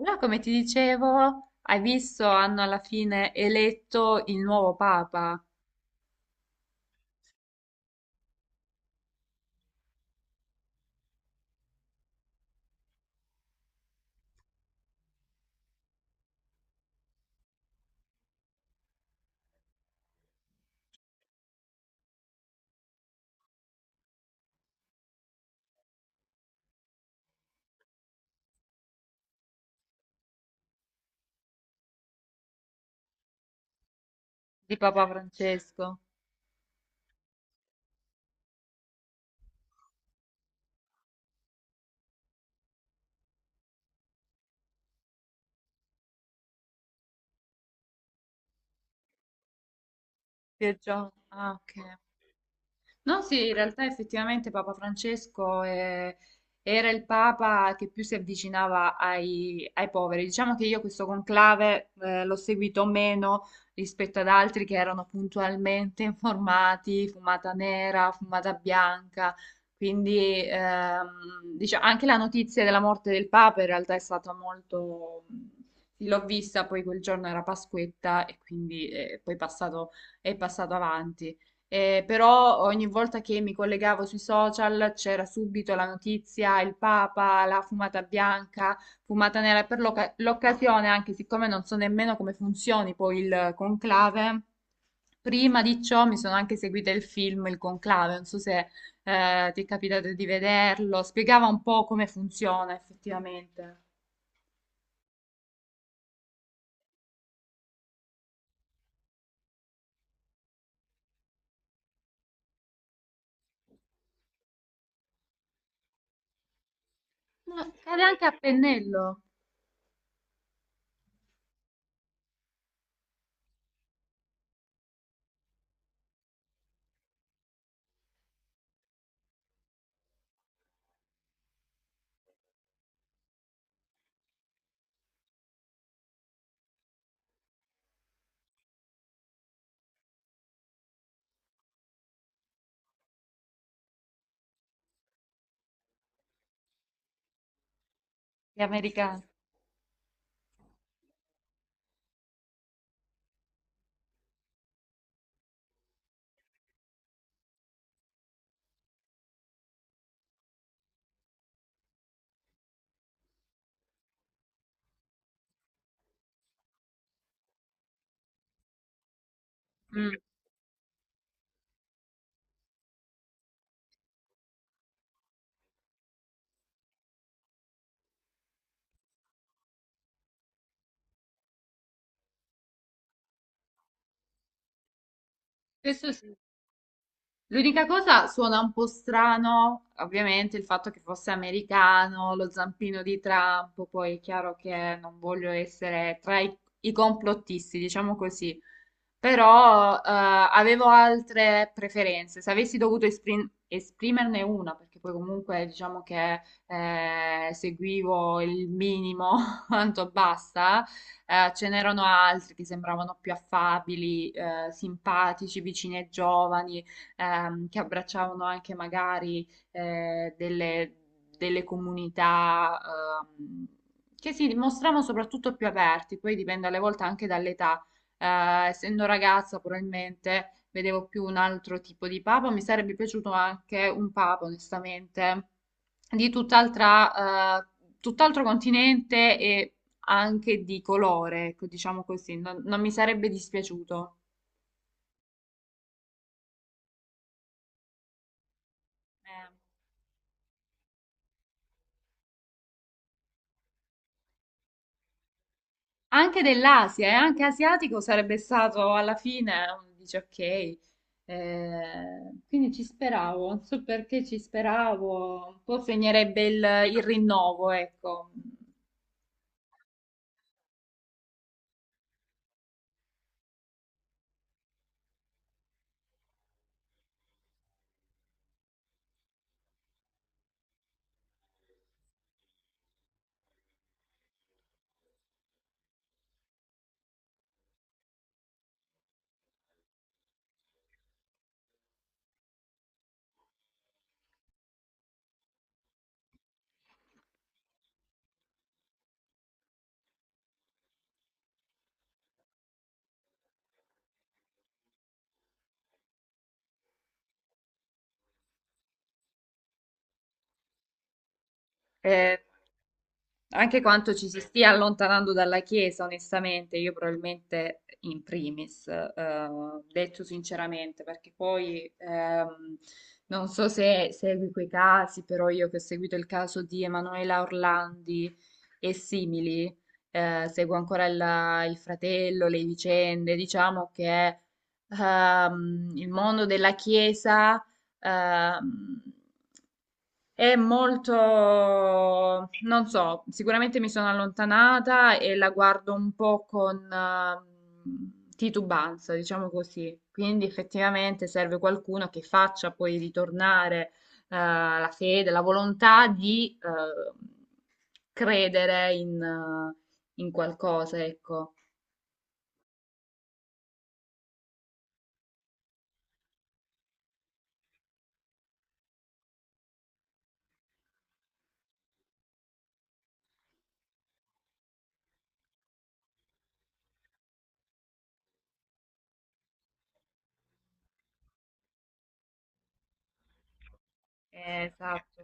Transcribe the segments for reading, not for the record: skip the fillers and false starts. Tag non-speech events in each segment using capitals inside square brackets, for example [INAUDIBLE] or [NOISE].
Allora, come ti dicevo, hai visto, hanno alla fine eletto il nuovo Papa di Papa Francesco. Pier Gio- Ah, ok. No, sì, in realtà effettivamente Papa Francesco era il Papa che più si avvicinava ai poveri. Diciamo che io questo conclave l'ho seguito meno rispetto ad altri che erano puntualmente [LAUGHS] informati, fumata nera, fumata bianca. Quindi diciamo, anche la notizia della morte del Papa in realtà è stata molto... sì, l'ho vista, poi quel giorno era Pasquetta e quindi poi è passato avanti. Però ogni volta che mi collegavo sui social c'era subito la notizia, il Papa, la fumata bianca, fumata nera. Per l'occasione, anche siccome non so nemmeno come funzioni poi il conclave, prima di ciò mi sono anche seguita il film Il Conclave. Non so se ti è capitato di vederlo, spiegava un po' come funziona effettivamente. No, ed è anche a pennello gli americani. Mm. Questo sì. L'unica cosa suona un po' strano, ovviamente, il fatto che fosse americano, lo zampino di Trump, poi è chiaro che non voglio essere i complottisti, diciamo così, però avevo altre preferenze. Se avessi dovuto esprimerne una, perché poi comunque diciamo che seguivo il minimo [LAUGHS] quanto basta, ce n'erano altri che sembravano più affabili, simpatici, vicini ai giovani che abbracciavano anche magari delle, delle comunità ehm, che si dimostravano soprattutto più aperti, poi dipende alle volte anche dall'età. Essendo ragazza, probabilmente vedevo più un altro tipo di papa. Mi sarebbe piaciuto anche un papa, onestamente, di tutt'altro continente e anche di colore, ecco, diciamo così. Non mi sarebbe dispiaciuto. Eh. Anche dell'Asia, e anche asiatico sarebbe stato alla fine, dice ok. Quindi ci speravo, non so perché ci speravo, un po' segnerebbe il rinnovo, ecco. Eh, anche quanto ci si stia allontanando dalla Chiesa, onestamente, io probabilmente in primis, detto sinceramente, perché poi non so se segui quei casi, però io che ho seguito il caso di Emanuela Orlandi e simili, seguo ancora il fratello, le vicende, diciamo che il mondo della Chiesa ehm, è molto, non so, sicuramente mi sono allontanata e la guardo un po' con titubanza, diciamo così. Quindi effettivamente serve qualcuno che faccia poi ritornare la fede, la volontà di credere in qualcosa, ecco. Esatto.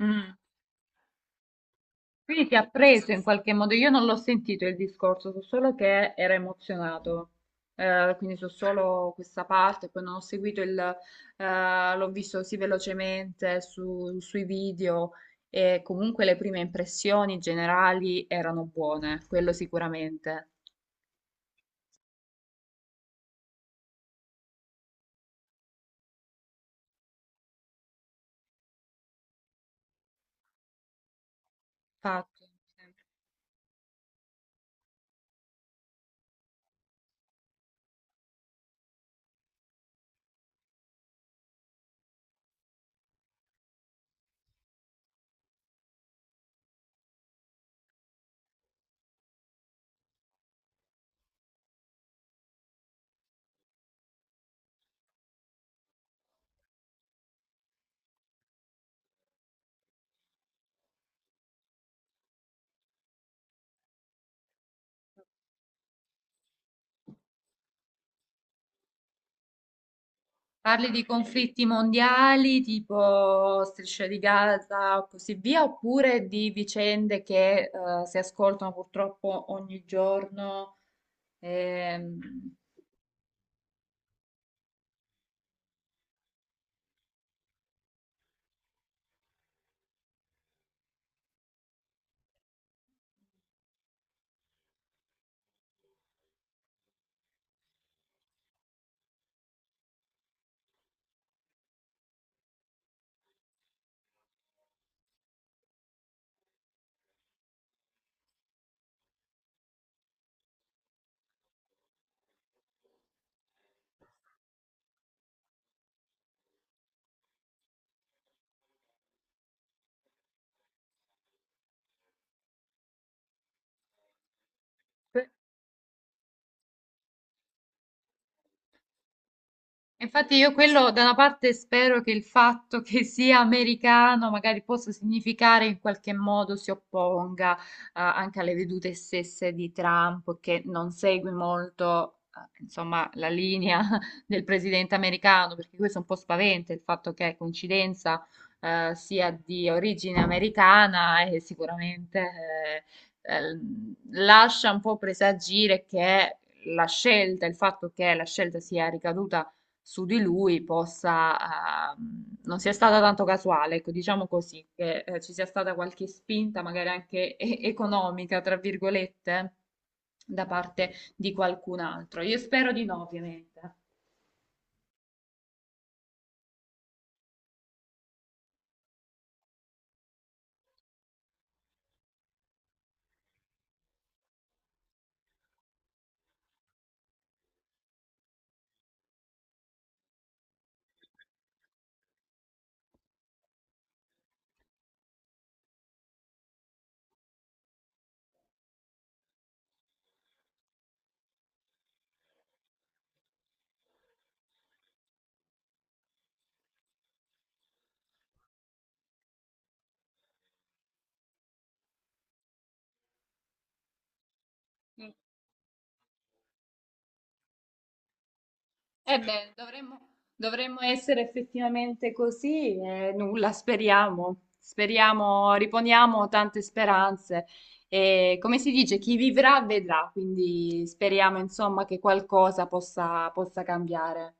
Mm. Quindi ti ha preso in qualche modo, io non l'ho sentito il discorso, so solo che era emozionato, eh, quindi so solo questa parte, poi non ho seguito l'ho visto così velocemente sui video e comunque le prime impressioni generali erano buone, quello sicuramente. Infatti, parli di conflitti mondiali tipo Striscia di Gaza o così via, oppure di vicende che si ascoltano purtroppo ogni giorno? Ehm, que- Infatti io quello da una parte spero che il fatto che [LAUGHS] sia americano magari possa significare in qualche modo si opponga anche alle vedute stesse di Trump che non segue molto insomma la linea [LAUGHS] del presidente americano perché questo è un po' spaventa il fatto che coincidenza sia di origine americana e sicuramente eh, eh, lascia un po' presagire che la scelta, il fatto che la scelta sia ricaduta su di lui possa, non sia stata tanto casuale, ecco, diciamo così, che ci sia stata qualche spinta, magari anche economica, tra virgolette, da parte di qualcun altro. Io spero di no, ovviamente. Mm. Eh beh, dovremmo, dovremmo essere effettivamente così e nulla, speriamo. Speriamo, riponiamo tante speranze e come si dice, chi vivrà vedrà, quindi speriamo insomma che qualcosa possa, possa cambiare.